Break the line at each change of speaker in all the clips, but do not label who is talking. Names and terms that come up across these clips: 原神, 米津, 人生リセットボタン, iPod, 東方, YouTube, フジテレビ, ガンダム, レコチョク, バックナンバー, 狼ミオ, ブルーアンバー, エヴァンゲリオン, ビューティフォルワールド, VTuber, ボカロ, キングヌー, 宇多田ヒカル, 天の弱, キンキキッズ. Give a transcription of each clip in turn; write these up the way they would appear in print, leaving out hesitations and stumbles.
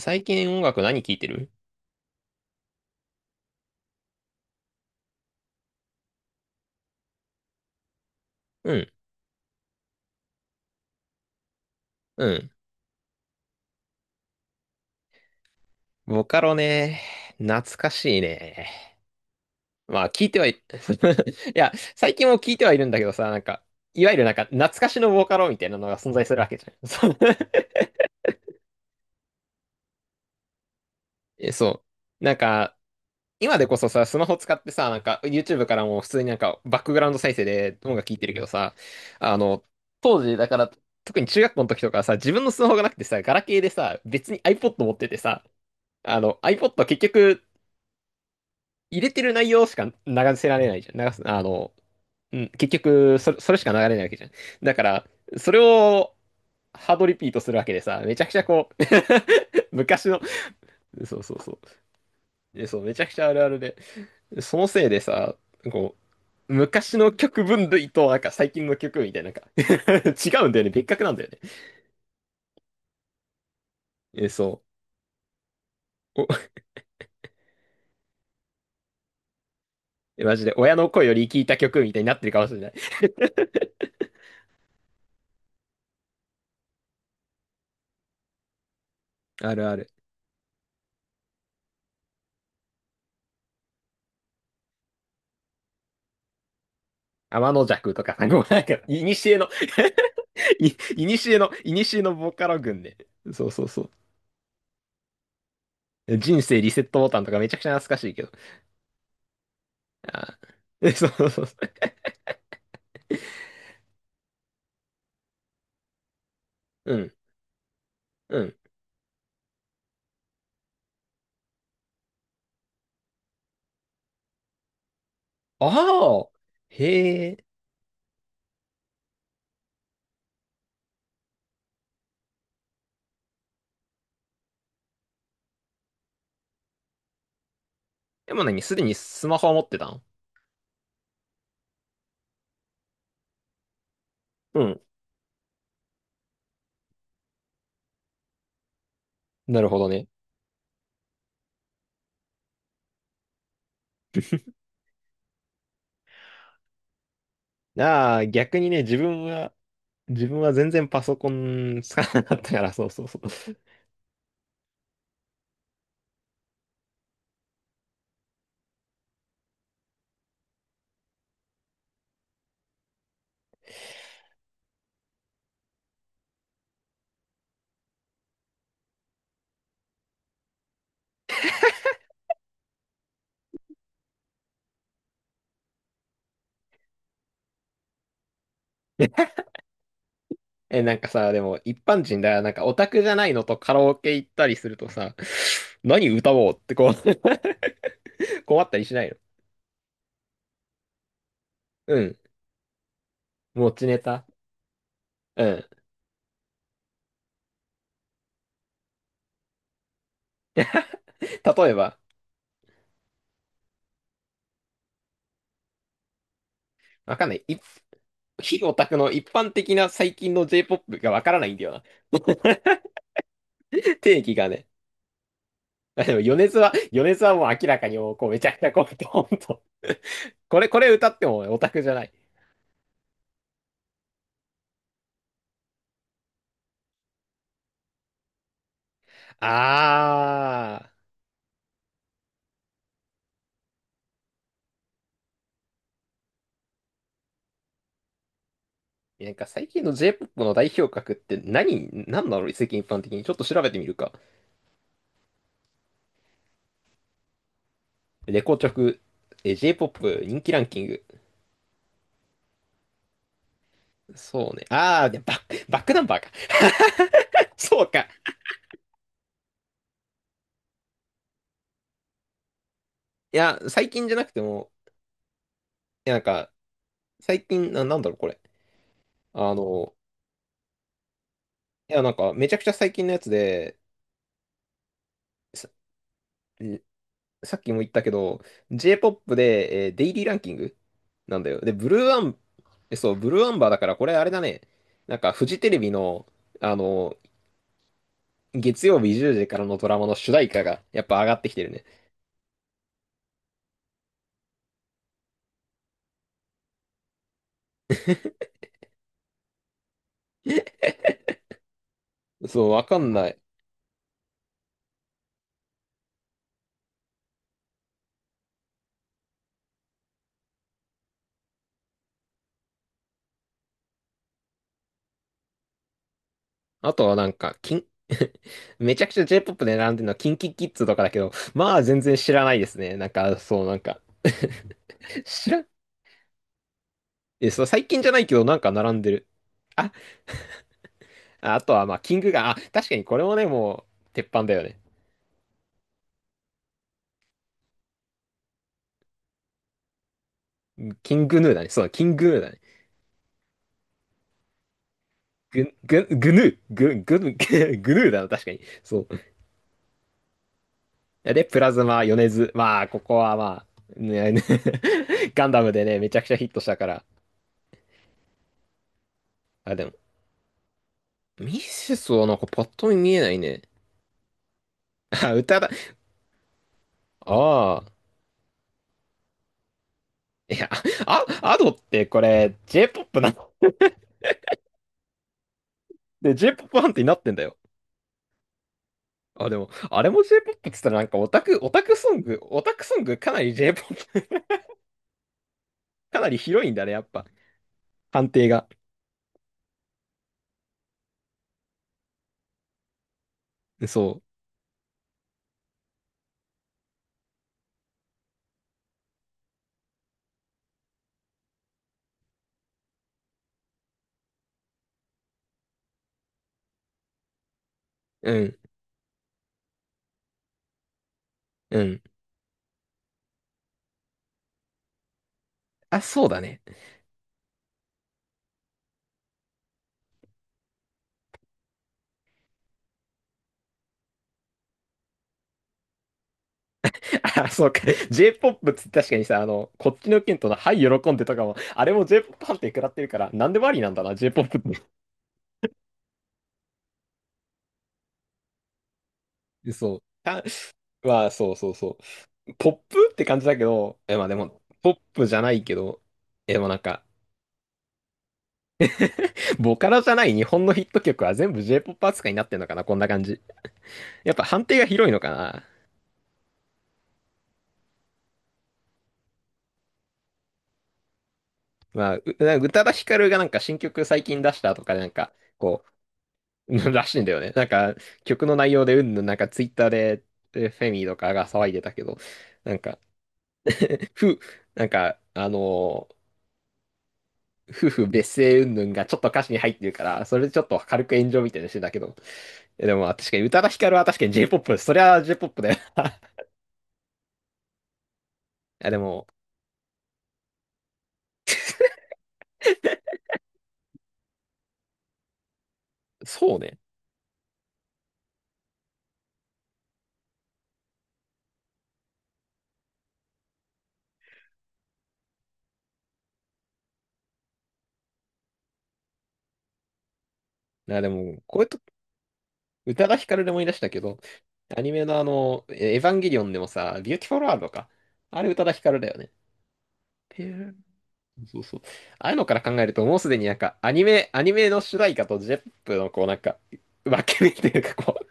最近音楽何聴いてる？うん、うん。ボカロね。懐かしいね。まあ、聴いてはい、いや、最近も聴いてはいるんだけどさ、なんか、いわゆるなんか、懐かしのボカロみたいなのが存在するわけじゃん。そう。え、そう。なんか、今でこそさ、スマホ使ってさ、なんか、YouTube からも普通になんか、バックグラウンド再生で音楽聴いてるけどさ、あの、当時、だから、特に中学校の時とかはさ、自分のスマホがなくてさ、ガラケーでさ、別に iPod 持っててさ、iPod 結局入れてる内容しか流せられないじゃん。流す、うん、結局それしか流れないわけじゃん。だから、それをハードリピートするわけでさ、めちゃくちゃこう 昔の、そうそうそう。でそう、めちゃくちゃあるあるで、そのせいでさ、こう、昔の曲分類と、なんか最近の曲みたいな、なんか 違うんだよね。別格なんだよね。え、そう。お、マジで、親の声より聞いた曲みたいになってるかもしれない。あるある。天の弱とかさ、こうなんか、い、いにしえのボカロ群ね。そうそうそう。人生リセットボタンとかめちゃくちゃ懐かしいけど。あー、そうそうそう。うん、うん。ああ、へえ。でも何すでにスマホは持ってたの？うん。なるほどね。ああ、逆にね、自分は全然パソコン使わなかったから、そうそうそう。え、なんかさ、でも一般人だよ、なんかオタクじゃないのとカラオケ行ったりするとさ、何歌おうってこう 困ったりしないの？うん。持ちネタ。うん。例えば、わかんない。非オタクの一般的な最近の J-POP がわからないんだよな。定義がね。あでも、米津はもう明らかにもう、こう、めちゃくちゃこう、ほんと。これ歌ってもオタクじゃない。あー。なんか最近の J-POP の代表格って何なの世間一般的に。ちょっと調べてみるか。レコチョク、J-POP 人気ランキング。そうね。あー、でバックナンバーか。そうか。いや、最近じゃなくても、いやなんか、最近、な、なんだろう、これ。あの、いや、なんか、めちゃくちゃ最近のやつで、さ、えさっきも言ったけど、J-POP で、デイリーランキングなんだよ。で、ブルーアン、そう、ブルーアンバーだから、これあれだね。なんか、フジテレビの、あの、月曜日10時からのドラマの主題歌が、やっぱ上がってきてるね。そう、わかんない。あとはなんか、めちゃくちゃ J-POP で並んでるのは、キンキキッズとかだけど、まあ、全然知らないですね。なんか、そう、なんか 知ら、え、そう、最近じゃないけど、なんか並んでる。あ、あとは、まあ、キングが、あ、確かにこれもね、もう、鉄板だよね。キングヌーだね。そう、キングヌーだね。グ、グ、グヌー、グ、グ、グ、グヌーだな、確かに。そう。で、プラズマ、米津。まあ、ここはまあ、ね、ね ガンダムでね、めちゃくちゃヒットしたから。あ、でも、ミセスはなんかパッと見見えないね。あ、歌だ。ああ。いや、あ、アドってこれ、j ポップなの？で、j ポップアンティになってんだよ。あ、でも、あれも J-POP って言ったらなんかオタク、オタクソングかなり J-POP、かなり広いんだね、やっぱ。判定が。そう。うん。うん。あ、そうだね。あ、そうか。J-POP って確かにさ、あの、こっちの件との、はい、喜んでとかも、あれも J-POP 判定食らってるから、なんでもありなんだな、J-POP って。そう。あまあ、そうそうそう。ポップって感じだけど、え、まあでも、ポップじゃないけど、え、でもなんか、ボカロじゃない日本のヒット曲は全部 J-POP 扱いになってんのかな、こんな感じ。やっぱ判定が広いのかな。まあ、なんか宇多田ヒカルがなんか新曲最近出したとかでなんか、こう、らしいんだよね。なんか、曲の内容でうんぬん、なんかツイッターで、フェミとかが騒いでたけど、なんか、ふ、なんか、夫婦別姓うんぬんがちょっと歌詞に入ってるから、それでちょっと軽く炎上みたいにしてたけど。でも、まあ確かに宇多田ヒカルは確かに J-POP、そりゃ J-POP だよな。いや、でも、そうね。いや、でも、こういうと宇多田ヒカルで思い出したけど、アニメのあの、エヴァンゲリオンでもさ、ビューティフォルワールドか。あれ宇多田ヒカルだよね。へえそうそう。ああいうのから考えると、もうすでになんか、アニメの主題歌とジェップのこうなんか、分け目っていうかこう、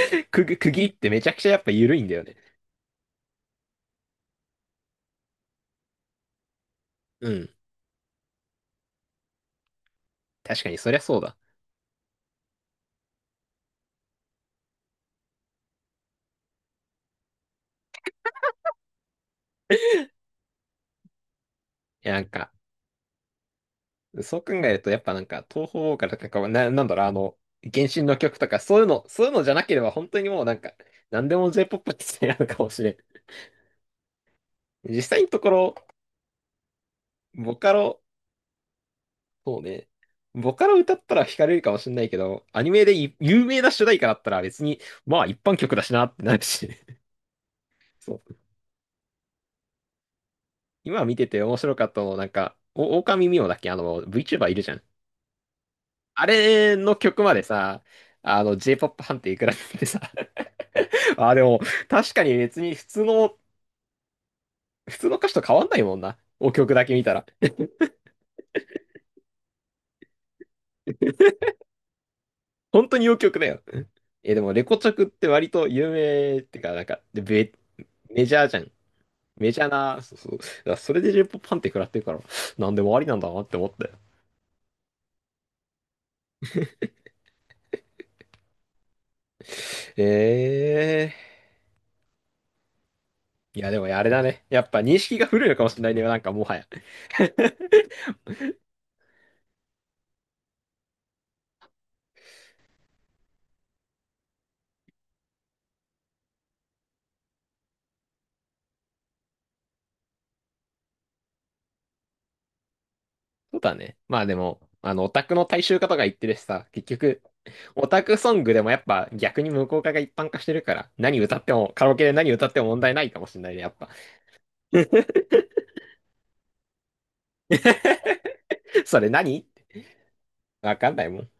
区切りってめちゃくちゃやっぱ緩いんだよね。うん。確かにそりゃそうだ。いや、なんか、そう考えると、やっぱなんか、東方からなんか、な、なんだろう、あの、原神の曲とか、そういうのじゃなければ、本当にもうなんか、なんでも J-POP って言ってやるかもしれん。実際のところ、ボカロ、そうね。ボカロ歌ったら惹かれるかもしれないけど、アニメで有名な主題歌だったら別に、まあ一般曲だしなってなるし。そう。今見てて面白かったの、なんか、お、狼ミオだっけあの、VTuber いるじゃん。あれの曲までさ、あの、J-POP 判定いくらってさ。あ、でも、確かに別に普通の歌詞と変わんないもんな。お曲だけ見たら。本当にお曲だよ。え、でも、レコチョクって割と有名ってか、なんか、でメジャーじゃん。メジャーな、そうそう。だからそれで10パンって食らってるから、なんでもありなんだなって思って。ええーいや、でもあれだね。やっぱ認識が古いのかもしれないね。なんかもはや。そうだね。まあでも、あの、オタクの大衆化とか言ってるしさ、結局、オタクソングでもやっぱ逆に無効化が一般化してるから、何歌っても、カラオケで何歌っても問題ないかもしれないね、やっぱ。それ何ってわかんないもん。